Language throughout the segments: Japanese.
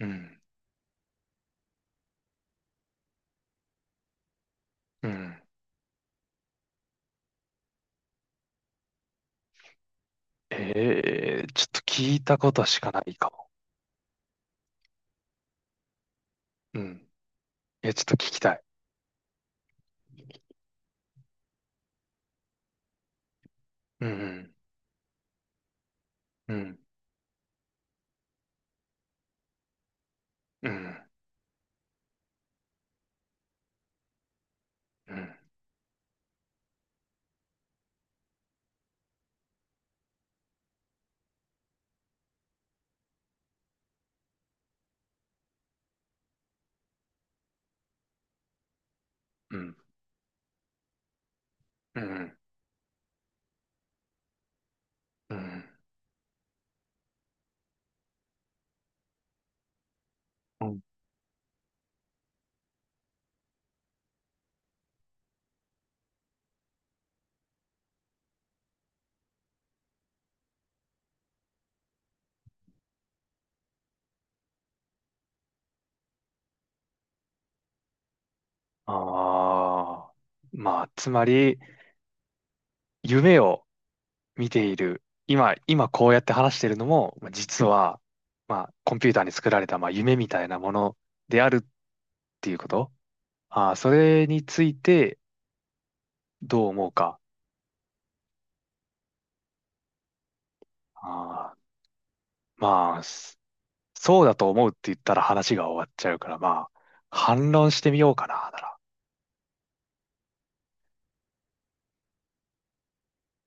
うん。うん。ええ、ちょっと聞いたことしかないかも。うん。え、ちょっと聞きたい。うん。うん。うん。うん。うん。うん。うん。うん。ああ。まあ、つまり、夢を見ている。今こうやって話しているのも、まあ実は、まあ、コンピューターに作られた、まあ、夢みたいなものであるっていうこと。ああ、それについてどう思うか。ああ、まあ、そうだと思うって言ったら話が終わっちゃうから、まあ、反論してみようかな、なら。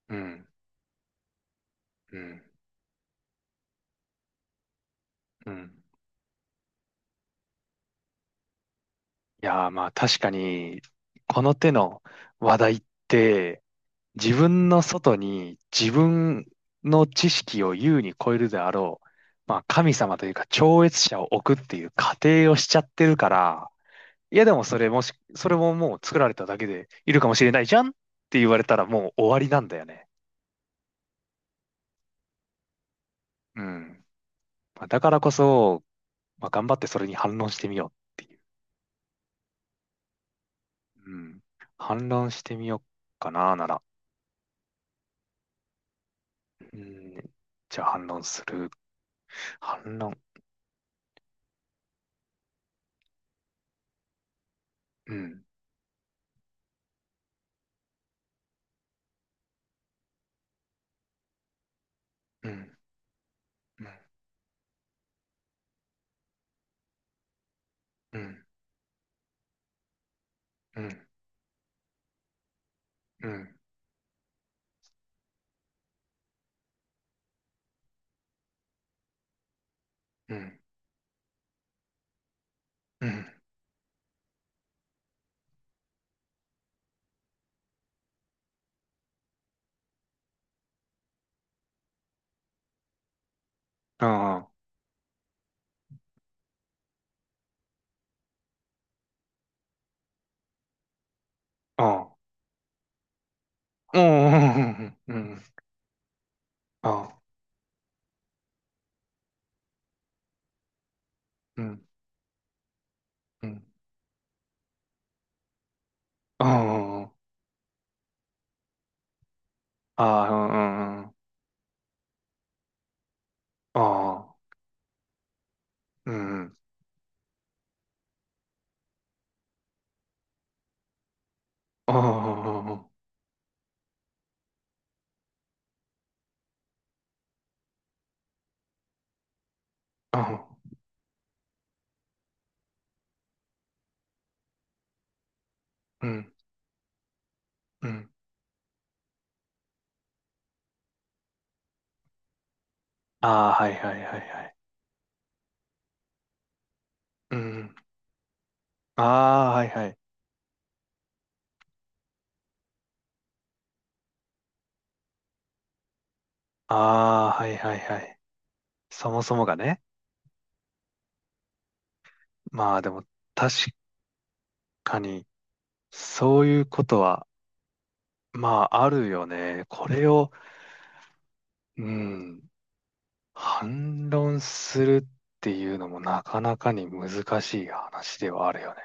うん、うん、うん。いやー、まあ確かに、この手の話題って、自分の外に自分の知識を優に超えるであろう、まあ神様というか超越者を置くっていう仮定をしちゃってるから、いやでもそれももう作られただけでいるかもしれないじゃんって言われたらもう終わりなんだよね。うん。まあだからこそ、まあ、頑張ってそれに反論してみようっていう。うん。反論してみようかな、なら。うん。じゃあ反論する。反論。うん。うん。うん。うん。うん。うん。うん。ああ。ああ。うん。うん。ああ。うん。うん。ああ。ああ。うん。ああ。うん。ああ。ああ。うん。うん。ああ。はいはいはいはい。うん。ああ。はいはい。ああ。はいはいはい。そもそもがね。まあでも確かにそういうことはまああるよね。これを、うん、反論するっていうのもなかなかに難しい話ではあるよね。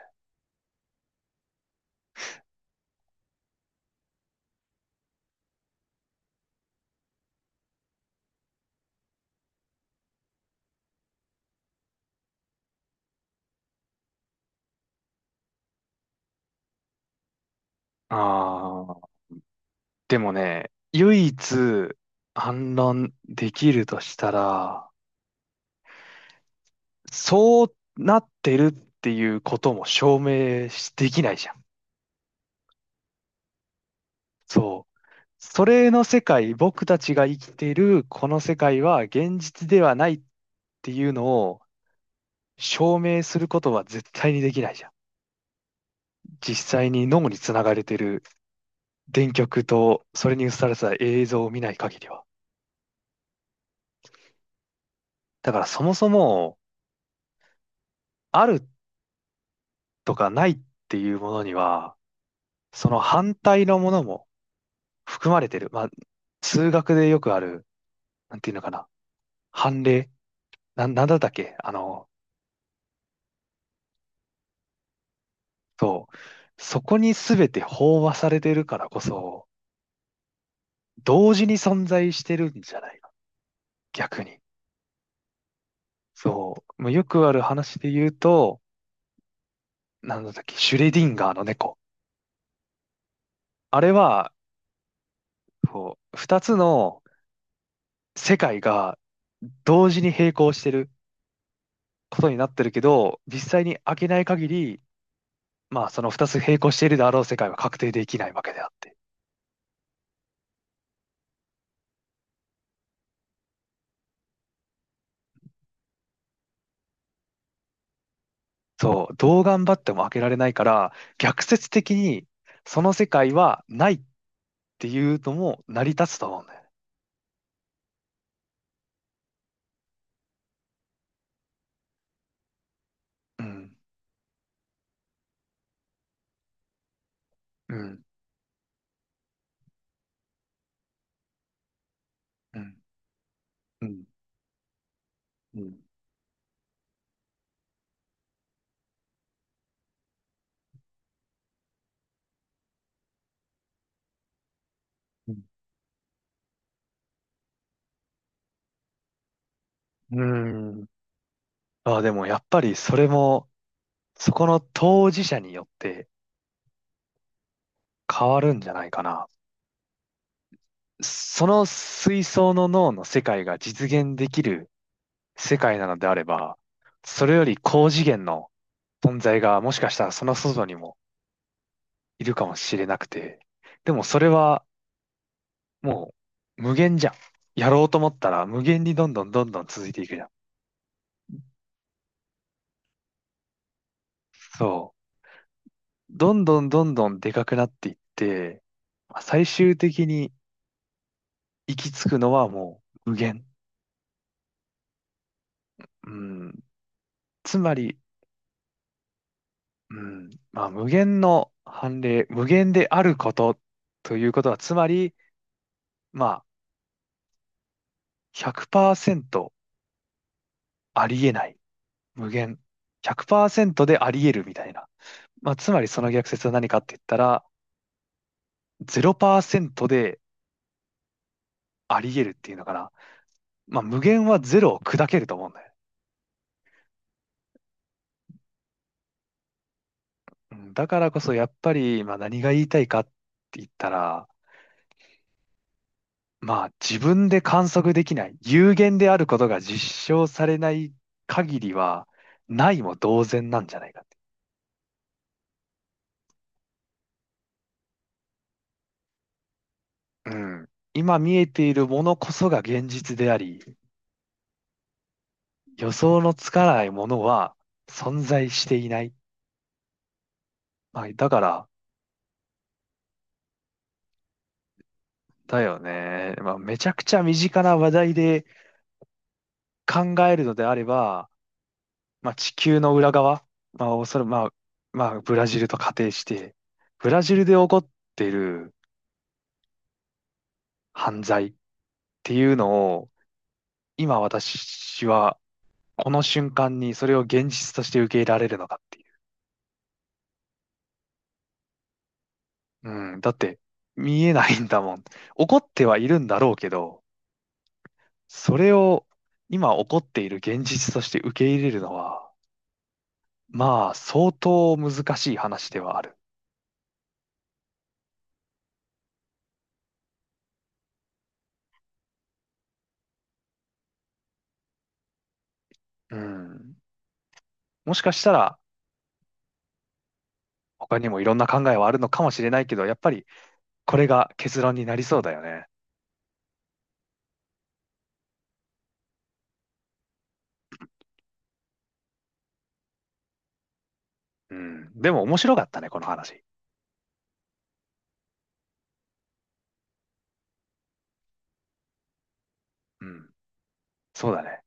ああ、でもね、唯一反論できるとしたら、そうなってるっていうことも証明しできないじゃん。そう。それの世界、僕たちが生きているこの世界は現実ではないっていうのを証明することは絶対にできないじゃん。実際に脳につながれてる電極とそれに映された映像を見ない限りは。だからそもそもあるとかないっていうものには、その反対のものも含まれてる。まあ、数学でよくある、なんていうのかな。反例。なんだったっけそう。そこに全て飽和されてるからこそ、同時に存在してるんじゃないか。逆に。そう。もうよくある話で言うと、なんだったっけ、シュレディンガーの猫。あれは、そう、二つの世界が同時に並行してることになってるけど、実際に開けない限り、まあその二つ並行しているであろう世界は確定できないわけであって。そう。どう頑張っても開けられないから、逆説的にその世界はないっていうのも成り立つと思うんだよね。うん。うん。うん。うん。うん。うん。うん。まあでもやっぱりそれも、そこの当事者によって変わるんじゃないかな。その水槽の脳の世界が実現できる世界なのであれば、それより高次元の存在がもしかしたらその外にもいるかもしれなくて、でもそれはもう無限じゃん。やろうと思ったら無限にどんどん続いていくじゃん。そう。どんどんでかくなっていって、まあ最終的に行き着くのはもう無限。うん。つまり、うん。まあ、無限の判例、無限であることということは、つまり、まあ、100%ありえない。無限。100%でありえるみたいな。まあ、つまりその逆説は何かって言ったら、0%でありえるっていうのかな。まあ、無限はゼロを砕けると思うんだよ。うん、だからこそやっぱり、まあ、何が言いたいかって言ったら、まあ自分で観測できない、有限であることが実証されない限りは、ないも同然なんじゃないかって。うん。今見えているものこそが現実であり、予想のつかないものは存在していない。まあ、だから、だよね。まあ、めちゃくちゃ身近な話題で考えるのであれば、まあ、地球の裏側、まあ、おそらく、まあ、ブラジルと仮定して、ブラジルで起こってる犯罪っていうのを、今私は、この瞬間にそれを現実として受け入れられるのかっていう。うん、だって、見えないんだもん。起こってはいるんだろうけど、それを今起こっている現実として受け入れるのは、まあ、相当難しい話ではある。うん。もしかしたら、他にもいろんな考えはあるのかもしれないけど、やっぱり、これが結論になりそうだよね。うん。でも面白かったね、この話。うん。そうだね。